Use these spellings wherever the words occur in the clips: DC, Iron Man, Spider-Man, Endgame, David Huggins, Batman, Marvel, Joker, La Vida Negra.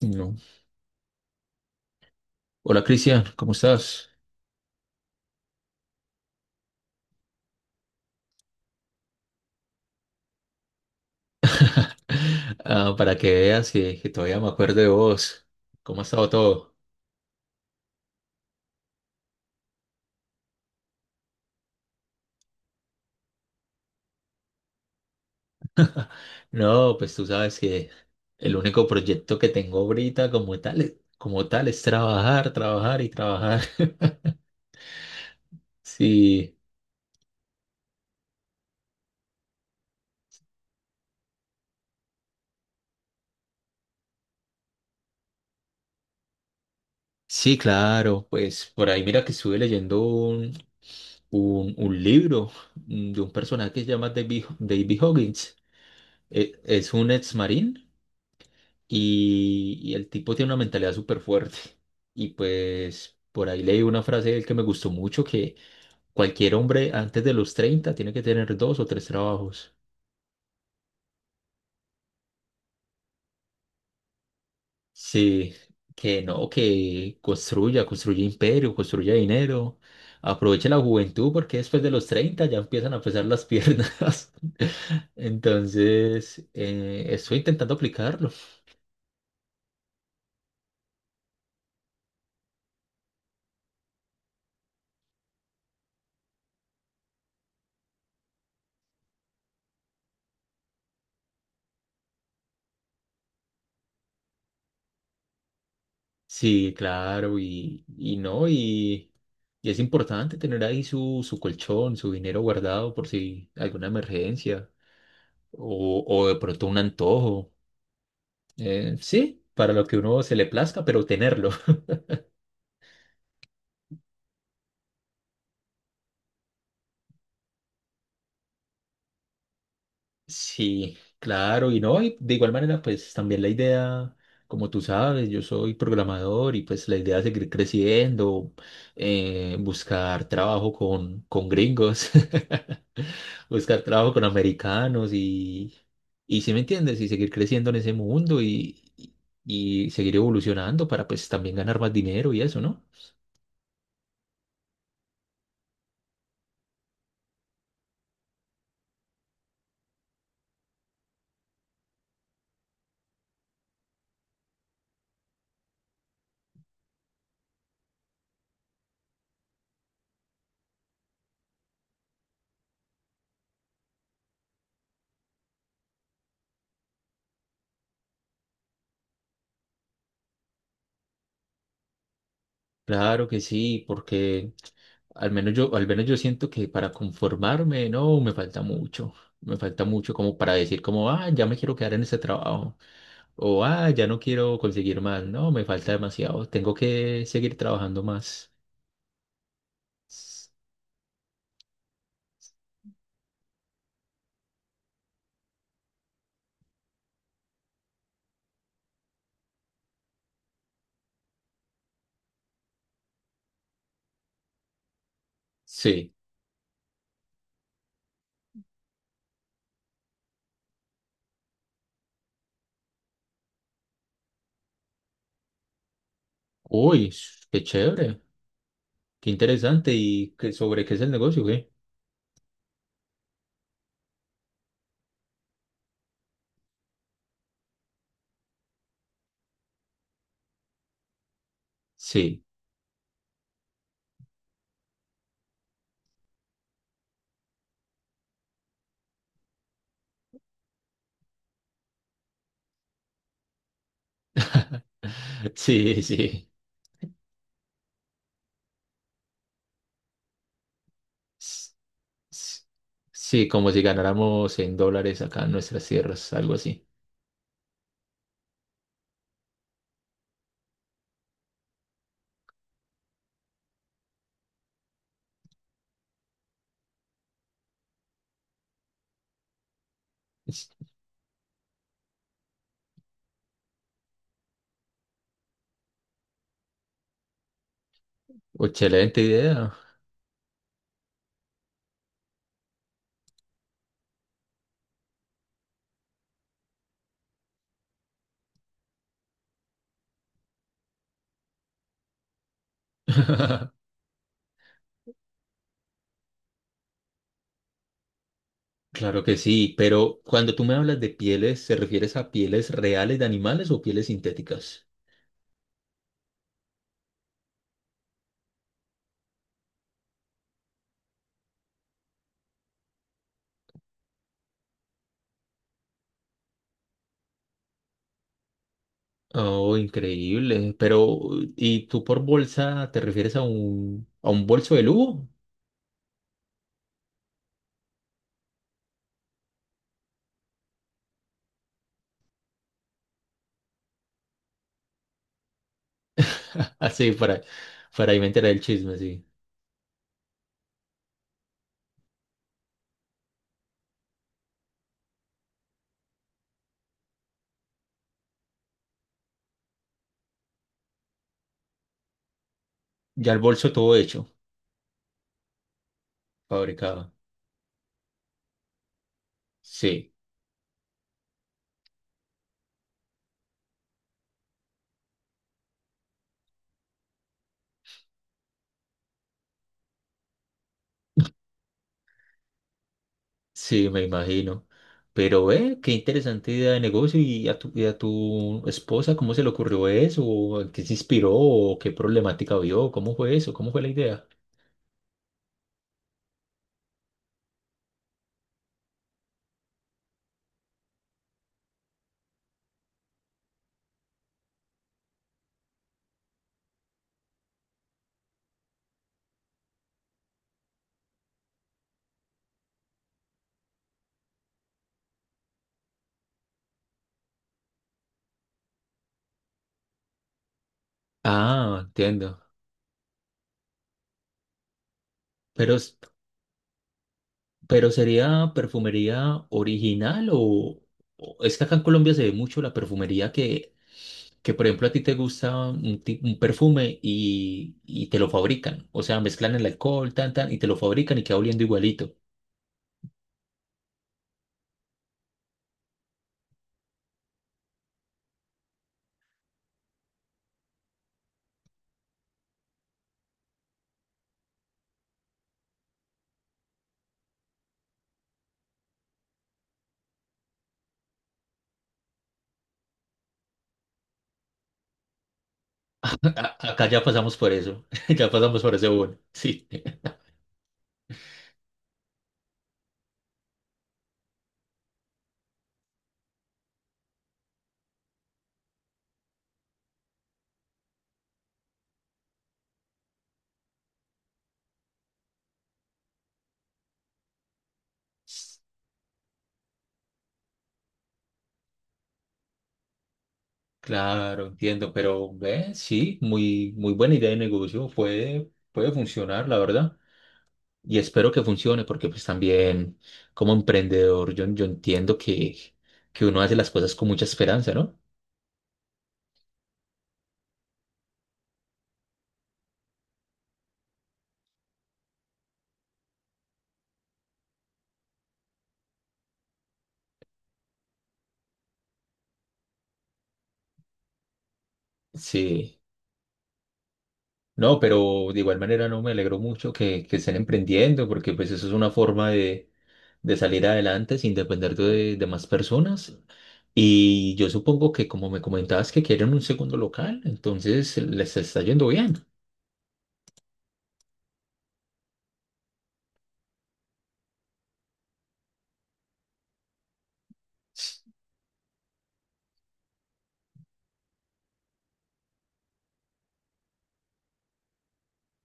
No. Hola Cristian, ¿cómo estás? Ah, para que veas que todavía me acuerdo de vos. ¿Cómo ha estado todo? No, pues tú sabes que el único proyecto que tengo ahorita como tal es trabajar, trabajar y trabajar. Sí, sí, claro. Pues por ahí mira que estuve leyendo un libro de un personaje que se llama David Huggins. Es un ex marín y el tipo tiene una mentalidad súper fuerte. Y pues por ahí leí una frase de él que me gustó mucho, que cualquier hombre antes de los 30 tiene que tener dos o tres trabajos. Sí, que no, que construya imperio, construya dinero, aproveche la juventud porque después de los 30 ya empiezan a pesar las piernas. Entonces, estoy intentando aplicarlo. Sí, claro, y no, y es importante tener ahí su colchón, su dinero guardado por si alguna emergencia o de pronto un antojo. Sí, para lo que uno se le plazca, pero tenerlo. Sí, claro, y no, y de igual manera, pues también la idea, como tú sabes, yo soy programador y pues la idea es seguir creciendo, buscar trabajo con gringos, buscar trabajo con americanos y si me entiendes, y seguir creciendo en ese mundo y seguir evolucionando para pues también ganar más dinero y eso, ¿no? Claro que sí, porque Al menos yo siento que para conformarme, no, me falta mucho. Me falta mucho como para decir como, ah, ya me quiero quedar en ese trabajo. O, ah, ya no quiero conseguir más. No, me falta demasiado. Tengo que seguir trabajando más. S- Sí. Uy, qué chévere. Qué interesante. ¿Y qué, sobre qué es el negocio, qué? Sí. Sí, sí. S- s- Sí, como si ganáramos en dólares acá en nuestras tierras, algo así. Es- Excelente idea. Claro que sí, pero cuando tú me hablas de pieles, ¿se refieres a pieles reales de animales o pieles sintéticas? Oh, increíble. Pero, ¿y tú por bolsa te refieres a un bolso de lujo? Así, para ahí me enteré del chisme, sí. Ya el bolso todo hecho, fabricado. Sí, sí, me imagino. Pero, qué interesante idea de negocio. ¿Y a tu esposa cómo se le ocurrió eso? ¿O en qué se inspiró? ¿O qué problemática vio? ¿Cómo fue eso? ¿Cómo fue la idea? Ah, entiendo. Pero, pero ¿sería perfumería original es que acá en Colombia se ve mucho la perfumería que por ejemplo, a ti te gusta un perfume y te lo fabrican? O sea, mezclan el alcohol, tan, tan, y te lo fabrican y queda oliendo igualito. Acá ya pasamos por eso, ya pasamos por ese bueno. Sí, claro, entiendo, pero ve, sí, muy, muy buena idea de negocio, puede funcionar, la verdad. Y espero que funcione porque pues también como emprendedor yo entiendo que uno hace las cosas con mucha esperanza, ¿no? Sí. No, pero de igual manera no me alegro mucho que estén emprendiendo porque pues eso es una forma de salir adelante sin depender de más personas. Y yo supongo que como me comentabas que quieren un segundo local, entonces les está yendo bien.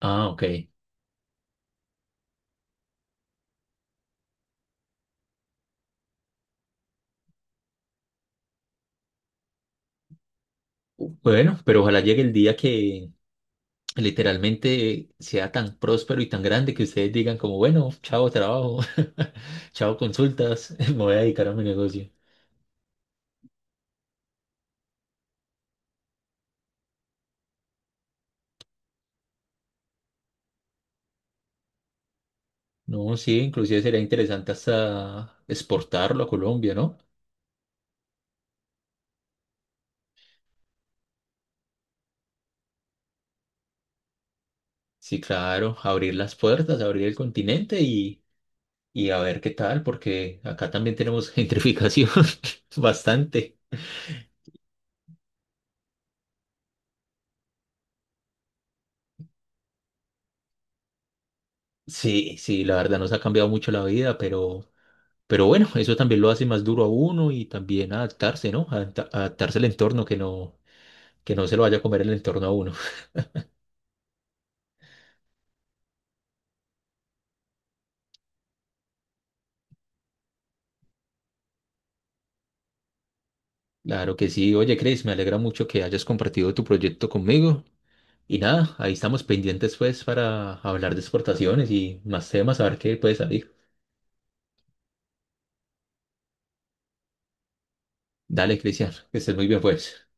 Ah, ok. Bueno, pero ojalá llegue el día que, literalmente sea tan próspero y tan grande que ustedes digan como, bueno, chao trabajo, chao consultas, me voy a dedicar a mi negocio. No, sí, inclusive sería interesante hasta exportarlo a Colombia, ¿no? Sí, claro, abrir las puertas, abrir el continente y a ver qué tal, porque acá también tenemos gentrificación bastante. Sí, sí, la verdad nos ha cambiado mucho la vida, pero bueno, eso también lo hace más duro a uno y también adaptarse, ¿no? Adaptarse al entorno que no se lo vaya a comer el entorno a uno. Claro que sí. Oye, Chris, me alegra mucho que hayas compartido tu proyecto conmigo. Y nada, ahí estamos pendientes pues para hablar de exportaciones y más temas, a ver qué puede salir. Dale, Cristian, que estés muy bien pues.